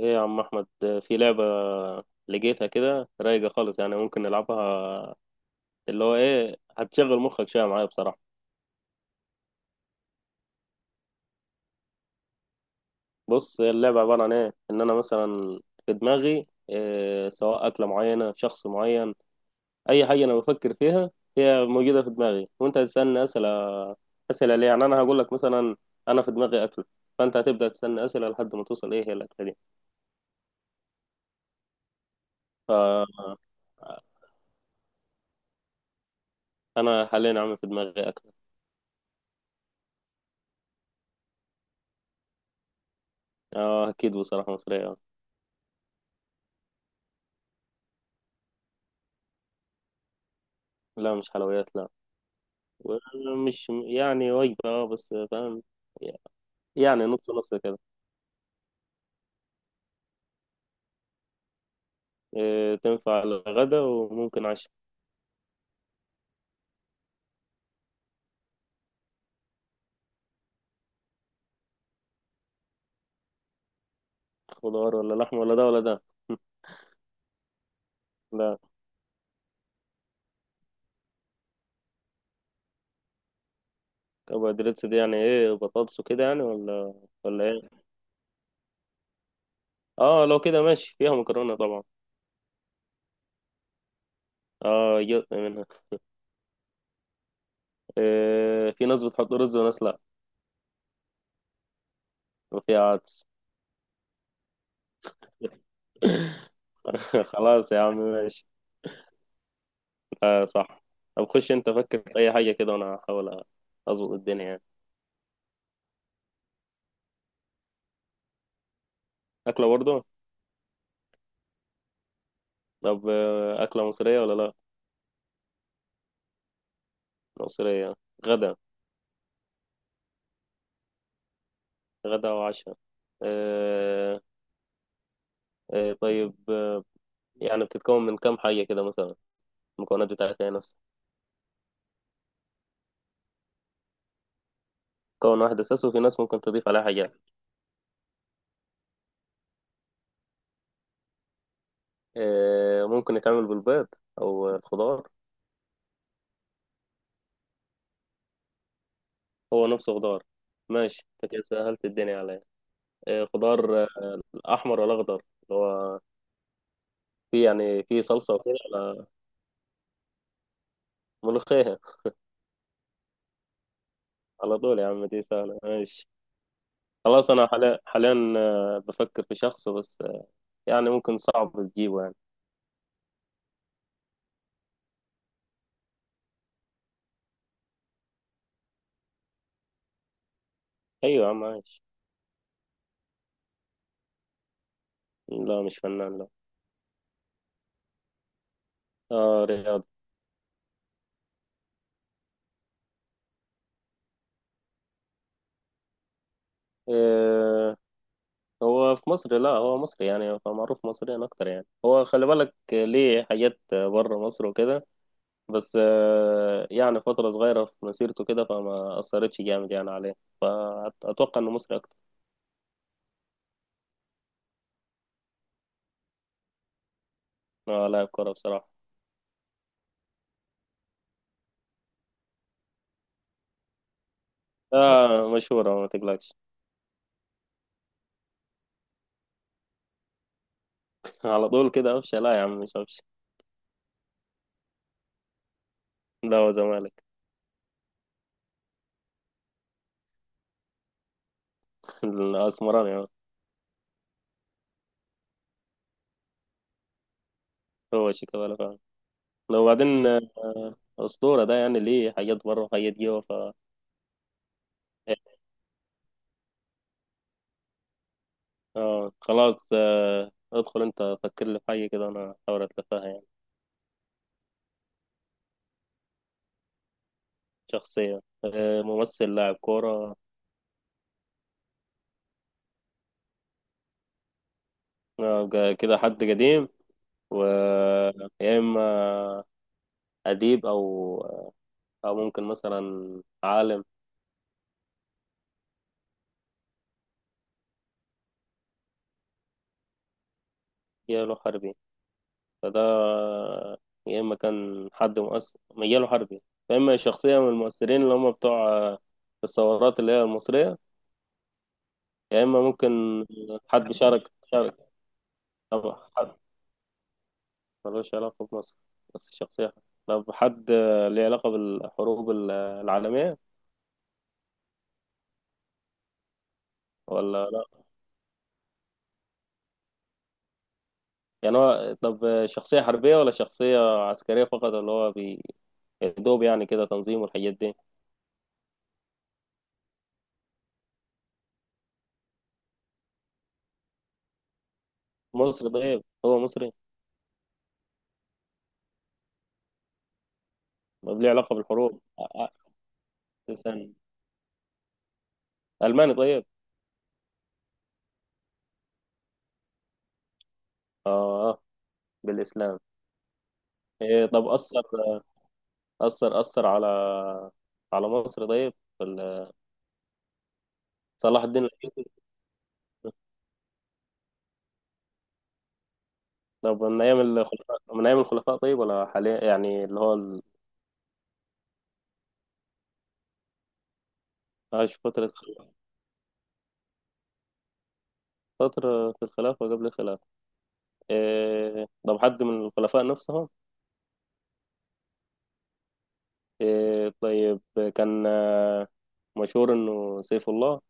ايه يا عم احمد؟ في لعبة لقيتها كده رايقة خالص، يعني ممكن نلعبها. اللي هو ايه، هتشغل مخك شوية معايا بصراحة. بص، اللعبة عبارة عن ايه، ان انا مثلا في دماغي إيه، سواء اكلة معينة، شخص معين، اي حاجة انا بفكر فيها، هي موجودة في دماغي وانت هتسألني اسئلة. اسئلة ليه؟ يعني انا هقول لك مثلا انا في دماغي اكلة، فانت هتبدأ تسألني اسئلة لحد ما توصل ايه هي الاكلة دي. فانا حاليا عامل في دماغي اكلة. اه اكيد، بصراحة مصرية. لا مش حلويات، لا. مش يعني وجبة، اه، بس فاهم، يعني نص نص كده. تنفع الغدا وممكن عشاء. خضار ولا لحم ولا ده ولا ده؟ لا. كربوهيدرات دي يعني ايه، بطاطس وكده يعني ولا؟ ولا ايه؟ اه لو كده ماشي، فيها مكرونة طبعا. اه جزء منها. إيه، في ناس بتحط رز وناس لا. وفيها عدس. خلاص يا عم ماشي. آه صح. طب خش انت فكر في اي حاجة كده وانا هحاول اظبط الدنيا يعني. اكله برضه. طب أكلة مصرية ولا لأ؟ مصرية. غدا. غدا وعشاء. آه. آه طيب، يعني بتتكون من كم حاجة كده مثلا؟ المكونات بتاعتها هي نفسها؟ مكون واحد أساسي وفي ناس ممكن تضيف عليها حاجات. آه ممكن يتعمل بالبيض أو الخضار. هو نفسه خضار. ماشي، أنت كده سهلت الدنيا عليا. آه خضار، أحمر ولا أخضر؟ اللي هو في يعني في صلصة وكده على ملوخية. على طول يا عم، دي سهلة ماشي. خلاص، أنا حاليا حاليا بفكر في شخص، بس يعني ممكن صعب تجيبه يعني. ايوه ماشي. لا مش فنان، لا. آه رياضي. آه، هو في مصر، لا هو مصري، يعني هو معروف مصريا اكتر، يعني هو خلي بالك ليه حاجات بره مصر وكده، بس آه يعني فترة صغيرة في مسيرته كده، فما اثرتش جامد يعني عليه. اتوقع انه مصري اكتر. اه لاعب كورة بصراحة. اه مشهورة ما تقلقش. على طول كده قفشة؟ لا يا عم مش قفشة. ده هو زمالك. الاسمراني هو. هو شيكابالا فعلا. لو بعدين أسطورة ده، يعني ليه حاجات بره وحاجات جوه، ف اه خلاص، ادخل انت فكر لي في حاجة كده انا احاول اتلفها يعني. شخصية، ممثل؟ لاعب كورة؟ كده حد قديم. و يا اما اديب، او او ممكن مثلا عالم. مجاله حربي؟ فده يا اما كان حد مؤثر مجاله حربي، فاما شخصية من المؤثرين اللي هم بتوع الثورات اللي هي المصرية، يا إما ممكن حد شارك طبعا. حد ملوش علاقة بمصر بس شخصية. طب حد ليه علاقة بالحروب العالمية ولا لا؟ يعني هو طب شخصية حربية ولا شخصية عسكرية فقط، اللي هو يا دوب يعني كده تنظيم والحاجات دي. مصري؟ طيب هو مصري؟ طب ليه علاقة بالحروب؟ استنى. ألماني طيب؟ اه، آه، بالإسلام. إيه، طب أثر، أثر على على مصر؟ طيب في صلاح الدين الأيوبي؟ طب من أيام الخلفاء؟ من أيام الخلفاء طيب، ولا حاليا، يعني اللي هو عاش فترة، في الخلافة وقبل الخلافة. إيه، طب حد من الخلفاء نفسهم؟ إيه طيب، كان مشهور إنه سيف الله؟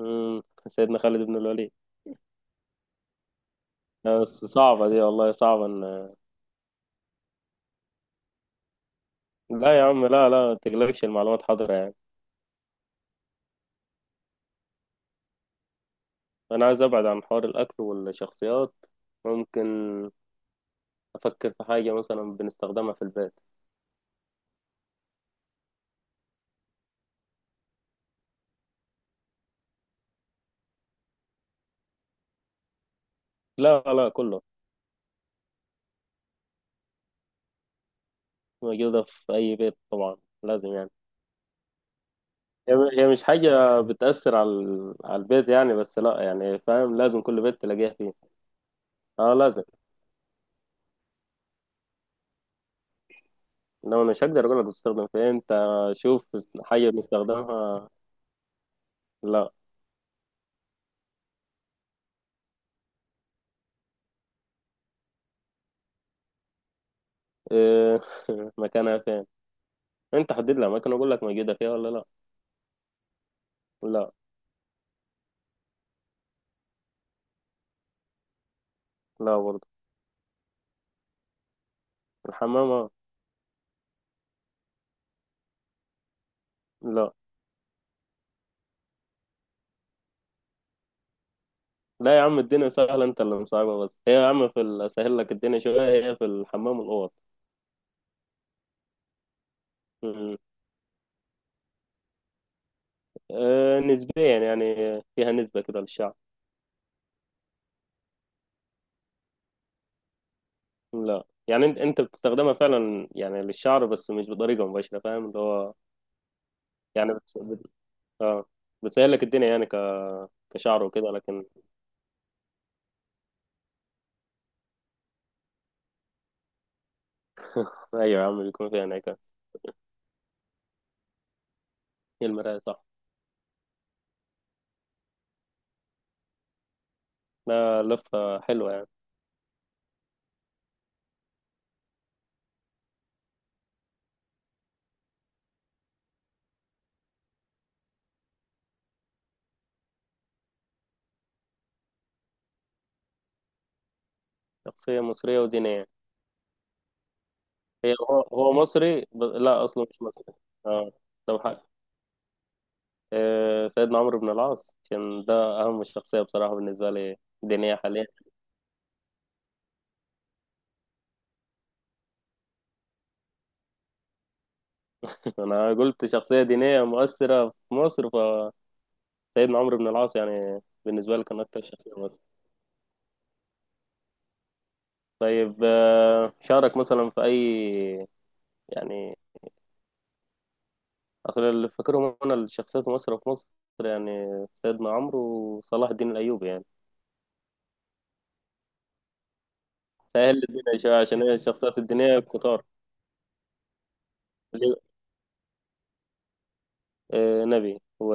مم، سيدنا خالد بن الوليد. بس صعبة دي والله، صعبة إن. لا يا عم لا لا، ما تقلقش، المعلومات حاضرة يعني. أنا عايز أبعد عن حوار الأكل والشخصيات. ممكن أفكر في حاجة مثلا بنستخدمها في البيت. لا لا كله. موجودة في أي بيت طبعا، لازم يعني. هي مش حاجة بتأثر على على البيت يعني، بس لا يعني فاهم لازم كل بيت تلاقيها فيه. اه لازم. انما مش هقدر اقول لك بتستخدم فين انت. شوف، حاجة بنستخدمها. لا. إيه؟ مكانها فين؟ انت حدد لها مكان اقول لك موجودة فيها ولا لا. لا. لا برضه. الحمام، آه. لا لا يا عم، الدنيا سهلة، انت اللي مصعبة بس، هي يا عم في اسهل لك الدنيا شوية، هي في الحمام والأوض. م- نسبيا يعني، فيها نسبة كده للشعب. لا، يعني انت بتستخدمها فعلا يعني للشعر، بس مش بطريقه مباشره، فاهم؟ اللي هو يعني اه بتسهل لك الدنيا يعني، كشعر وكده لكن ايوه يا عم بيكون فيها انعكاس. هي المرايه صح. لا لفه حلوه يعني. شخصيه مصريه ودينيه. هو مصري؟ لا اصله مش مصري. اه طب حق، آه سيدنا عمرو بن العاص، عشان ده اهم الشخصيه بصراحه بالنسبه لي دينيه حاليا. انا قلت شخصيه دينيه مؤثره في مصر، فسيدنا عمرو بن العاص يعني بالنسبة لي كان أكتر شخصية. طيب شارك مثلا في أي، يعني أصل اللي فاكرهم أنا الشخصيات مصر في مصر، يعني سيدنا عمرو وصلاح الدين الأيوبي يعني. سهل الدنيا شوية عشان هي الشخصيات الدينية كتار. اللي- نبي و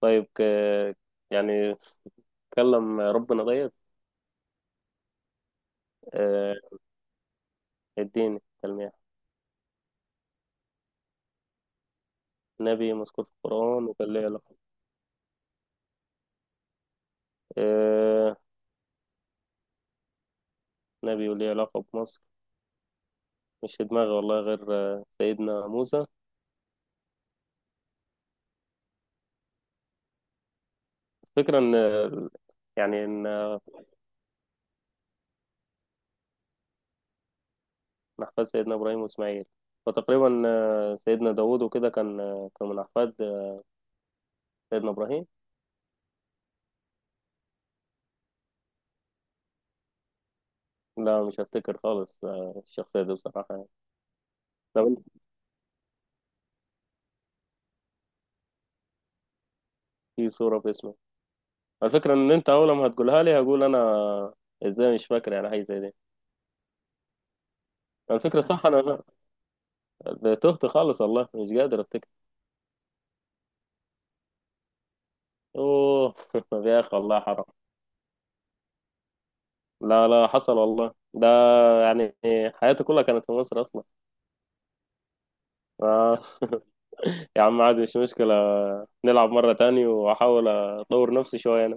طيب يعني كلم ربنا؟ طيب آه، اديني تلميح. نبي مذكور في القرآن وكان ليه علاقة؟ آه، نبي وليه علاقة بمصر، مش في دماغي والله غير سيدنا موسى. فكرة إن، يعني إن من أحفاد سيدنا إبراهيم وإسماعيل، فتقريبا سيدنا داوود وكده كان كان من أحفاد سيدنا إبراهيم. لا مش هفتكر خالص الشخصية دي بصراحة يعني. لو أنت في صورة في اسمه. الفكرة إن أنت أول ما هتقولها لي هقول أنا إزاي مش فاكر يعني حاجة زي دي. الفكرة صح، أنا ده تهت خالص والله، مش قادر أفتكر. أوه. يا أخي والله حرام. لا لا، حصل والله ده، يعني حياتي كلها كانت في مصر أصلا. آه، يا عم عادي، مش مشكلة، نلعب مرة تاني وأحاول أطور نفسي شوية.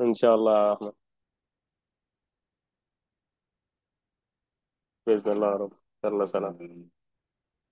إن شاء الله يا أحمد. بإذن الله يا رب. يلا سلام.